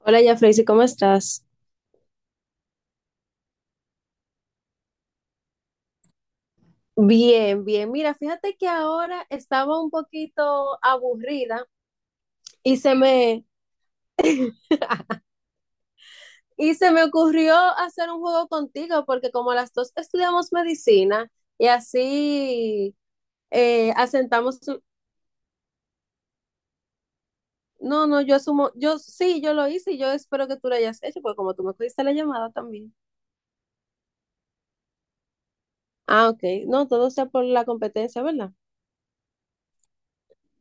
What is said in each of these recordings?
Hola, ya Freysi, ¿cómo estás? Bien, bien. Mira, fíjate que ahora estaba un poquito aburrida y se me, y se me ocurrió hacer un juego contigo porque como las dos estudiamos medicina y así asentamos... tu- No, no, yo asumo, yo sí, yo lo hice y yo espero que tú lo hayas hecho porque como tú me cogiste la llamada también. Ah, ok. No, todo sea por la competencia, ¿verdad?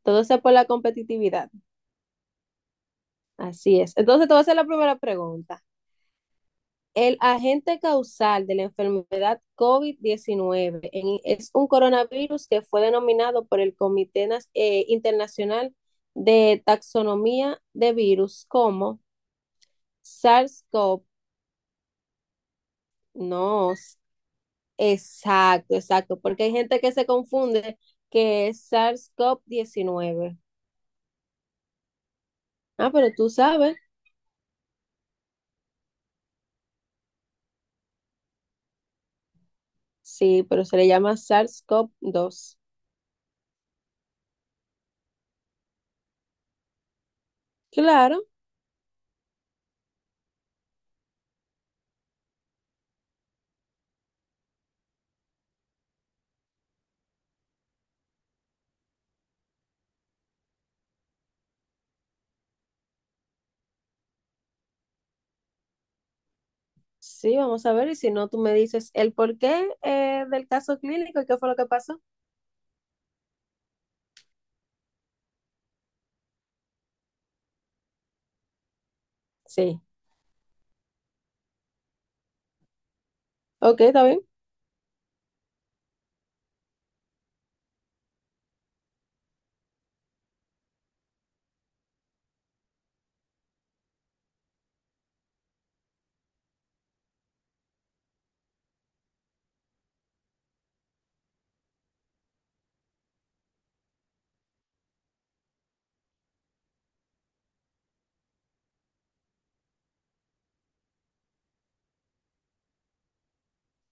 Todo sea por la competitividad. Así es. Entonces te voy a hacer la primera pregunta. El agente causal de la enfermedad COVID-19 en- es un coronavirus que fue denominado por el Comité Nas- Internacional de Taxonomía de Virus como SARS-CoV. No, s- exacto, exacto, porque hay gente que se confunde que es sars cov 19. Ah, pero tú sabes, sí, pero se le llama sars cov 2. Claro. Sí, vamos a ver, y si no, tú me dices el porqué del caso clínico y qué fue lo que pasó. Sí, ok, está bien.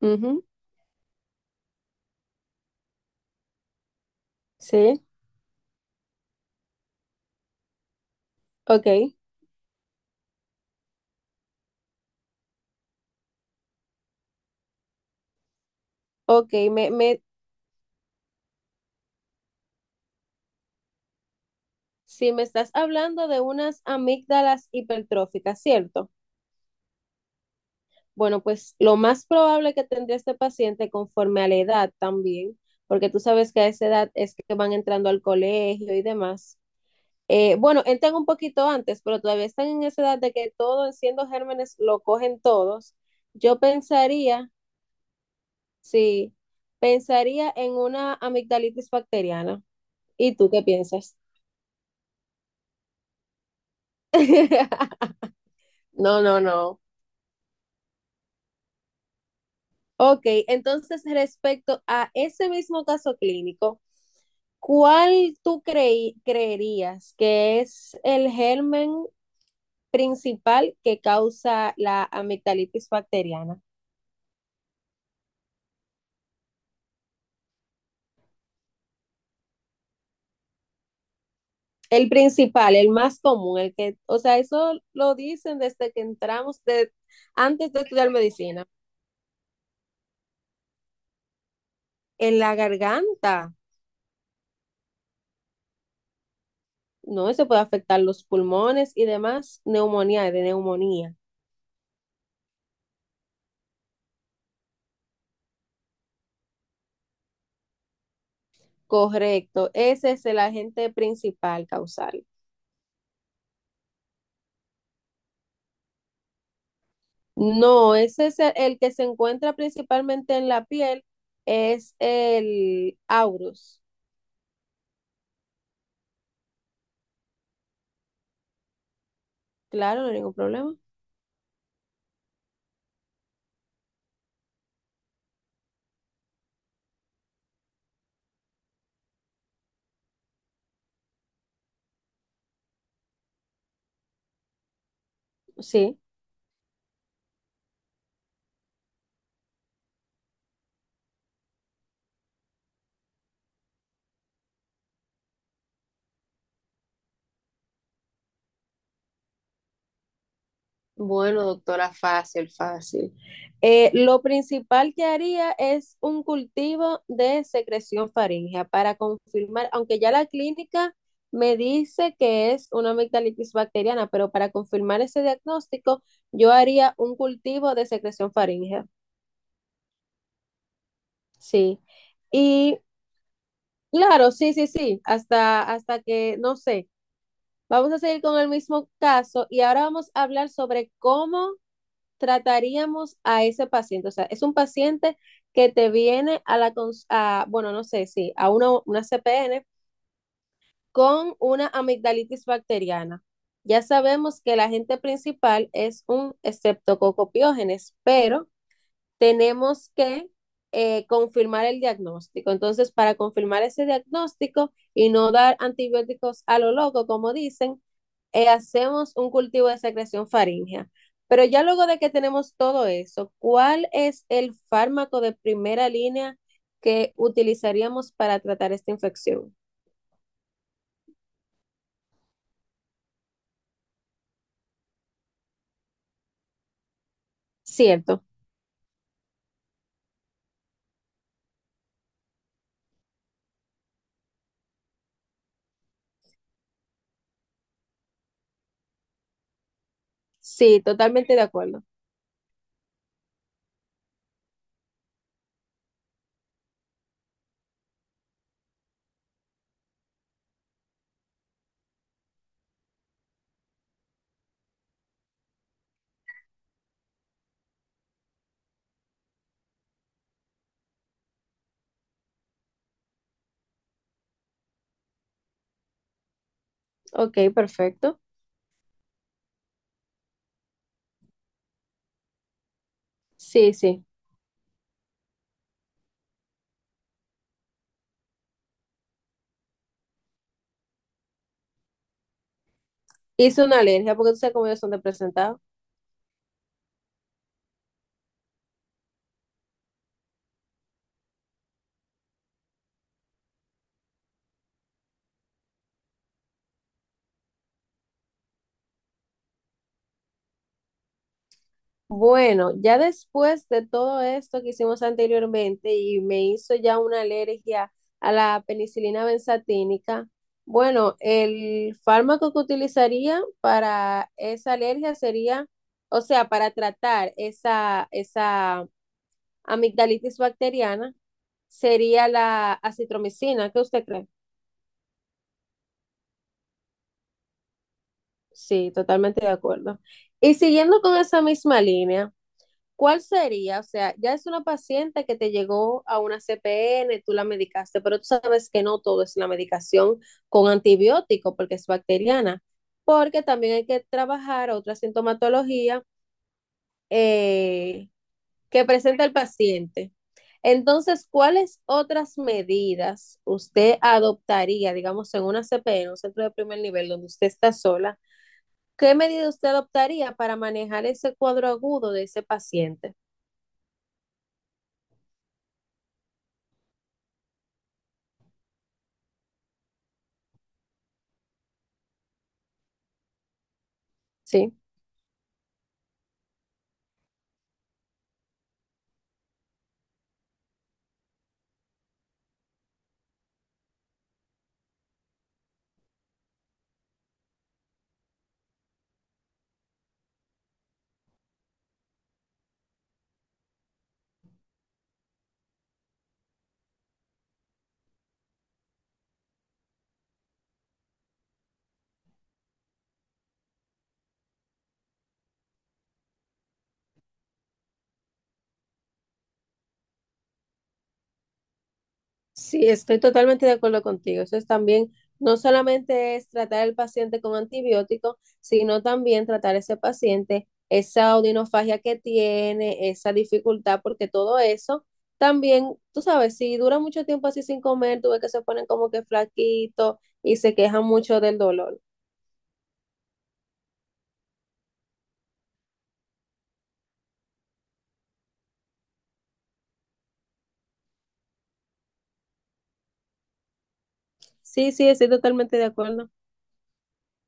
Ujú, sí, ok, ok, me, si me estás hablando de unas amígdalas hipertróficas, ¿cierto? Bueno, pues lo más probable que tendría este paciente conforme a la edad también, porque tú sabes que a esa edad es que van entrando al colegio y demás. Bueno, entran un poquito antes, pero todavía están en esa edad de que todo, siendo gérmenes, lo cogen todos. Yo pensaría, sí, pensaría en una amigdalitis bacteriana. ¿Y tú qué piensas? No, no, no. Ok, entonces respecto a ese mismo caso clínico, ¿cuál tú creí- creerías que es el germen principal que causa la amigdalitis bacteriana? El principal, el más común, el que, o sea, eso lo dicen desde que entramos, de, antes de estudiar medicina. En la garganta, no, eso puede afectar los pulmones y demás, neumonía, de neumonía. Correcto, ese es el agente principal causal. No, ese es el que se encuentra principalmente en la piel, es el aurus. Claro, no hay ningún problema. Sí. Bueno, doctora, fácil, fácil. Lo principal que haría es un cultivo de secreción faríngea para confirmar, aunque ya la clínica me dice que es una amigdalitis bacteriana, pero para confirmar ese diagnóstico, yo haría un cultivo de secreción faríngea. Sí. Y claro, sí, sí, sí, hasta, hasta que, no sé, vamos a seguir con el mismo caso y ahora vamos a hablar sobre cómo trataríamos a ese paciente. O sea, es un paciente que te viene a la, cons- a, bueno, no sé, sí, a una CPN con una amigdalitis bacteriana. Ya sabemos que el agente principal es un estreptococo estreptococopiógenes, pero tenemos que confirmar el diagnóstico. Entonces, para confirmar ese diagnóstico y no dar antibióticos a lo loco, como dicen, hacemos un cultivo de secreción faríngea. Pero ya luego de que tenemos todo eso, ¿cuál es el fármaco de primera línea que utilizaríamos para tratar esta infección? Cierto, sí, totalmente de acuerdo. Ok, perfecto. Sí, sí. Hice una alergia porque tú sabes cómo ellos son de presentado. Bueno, ya después de todo esto que hicimos anteriormente y me hizo ya una alergia a la penicilina benzatínica, bueno, el fármaco que utilizaría para esa alergia sería, o sea, para tratar esa, esa amigdalitis bacteriana, sería la acitromicina. ¿Qué usted cree? Sí, totalmente de acuerdo. Y siguiendo con esa misma línea. ¿Cuál sería? O sea, ya es una paciente que te llegó a una CPN, tú la medicaste, pero tú sabes que no todo es la medicación con antibiótico porque es bacteriana, porque también hay que trabajar otra sintomatología eh, que presenta el paciente. Entonces, ¿cuáles otras medidas usted adoptaría, digamos, en una CPN, un centro de primer nivel donde usted está sola? ¿Qué medida usted adoptaría para manejar ese cuadro agudo de ese paciente? Sí. Sí, estoy totalmente de acuerdo contigo. Eso es también, no solamente es tratar al paciente con antibióticos, sino también tratar a ese paciente esa odinofagia que tiene, esa dificultad, porque todo eso también, tú sabes, si dura mucho tiempo así sin comer, tú ves que se ponen como que flaquitos y se quejan mucho del dolor. Sí, sí, estoy totalmente de acuerdo.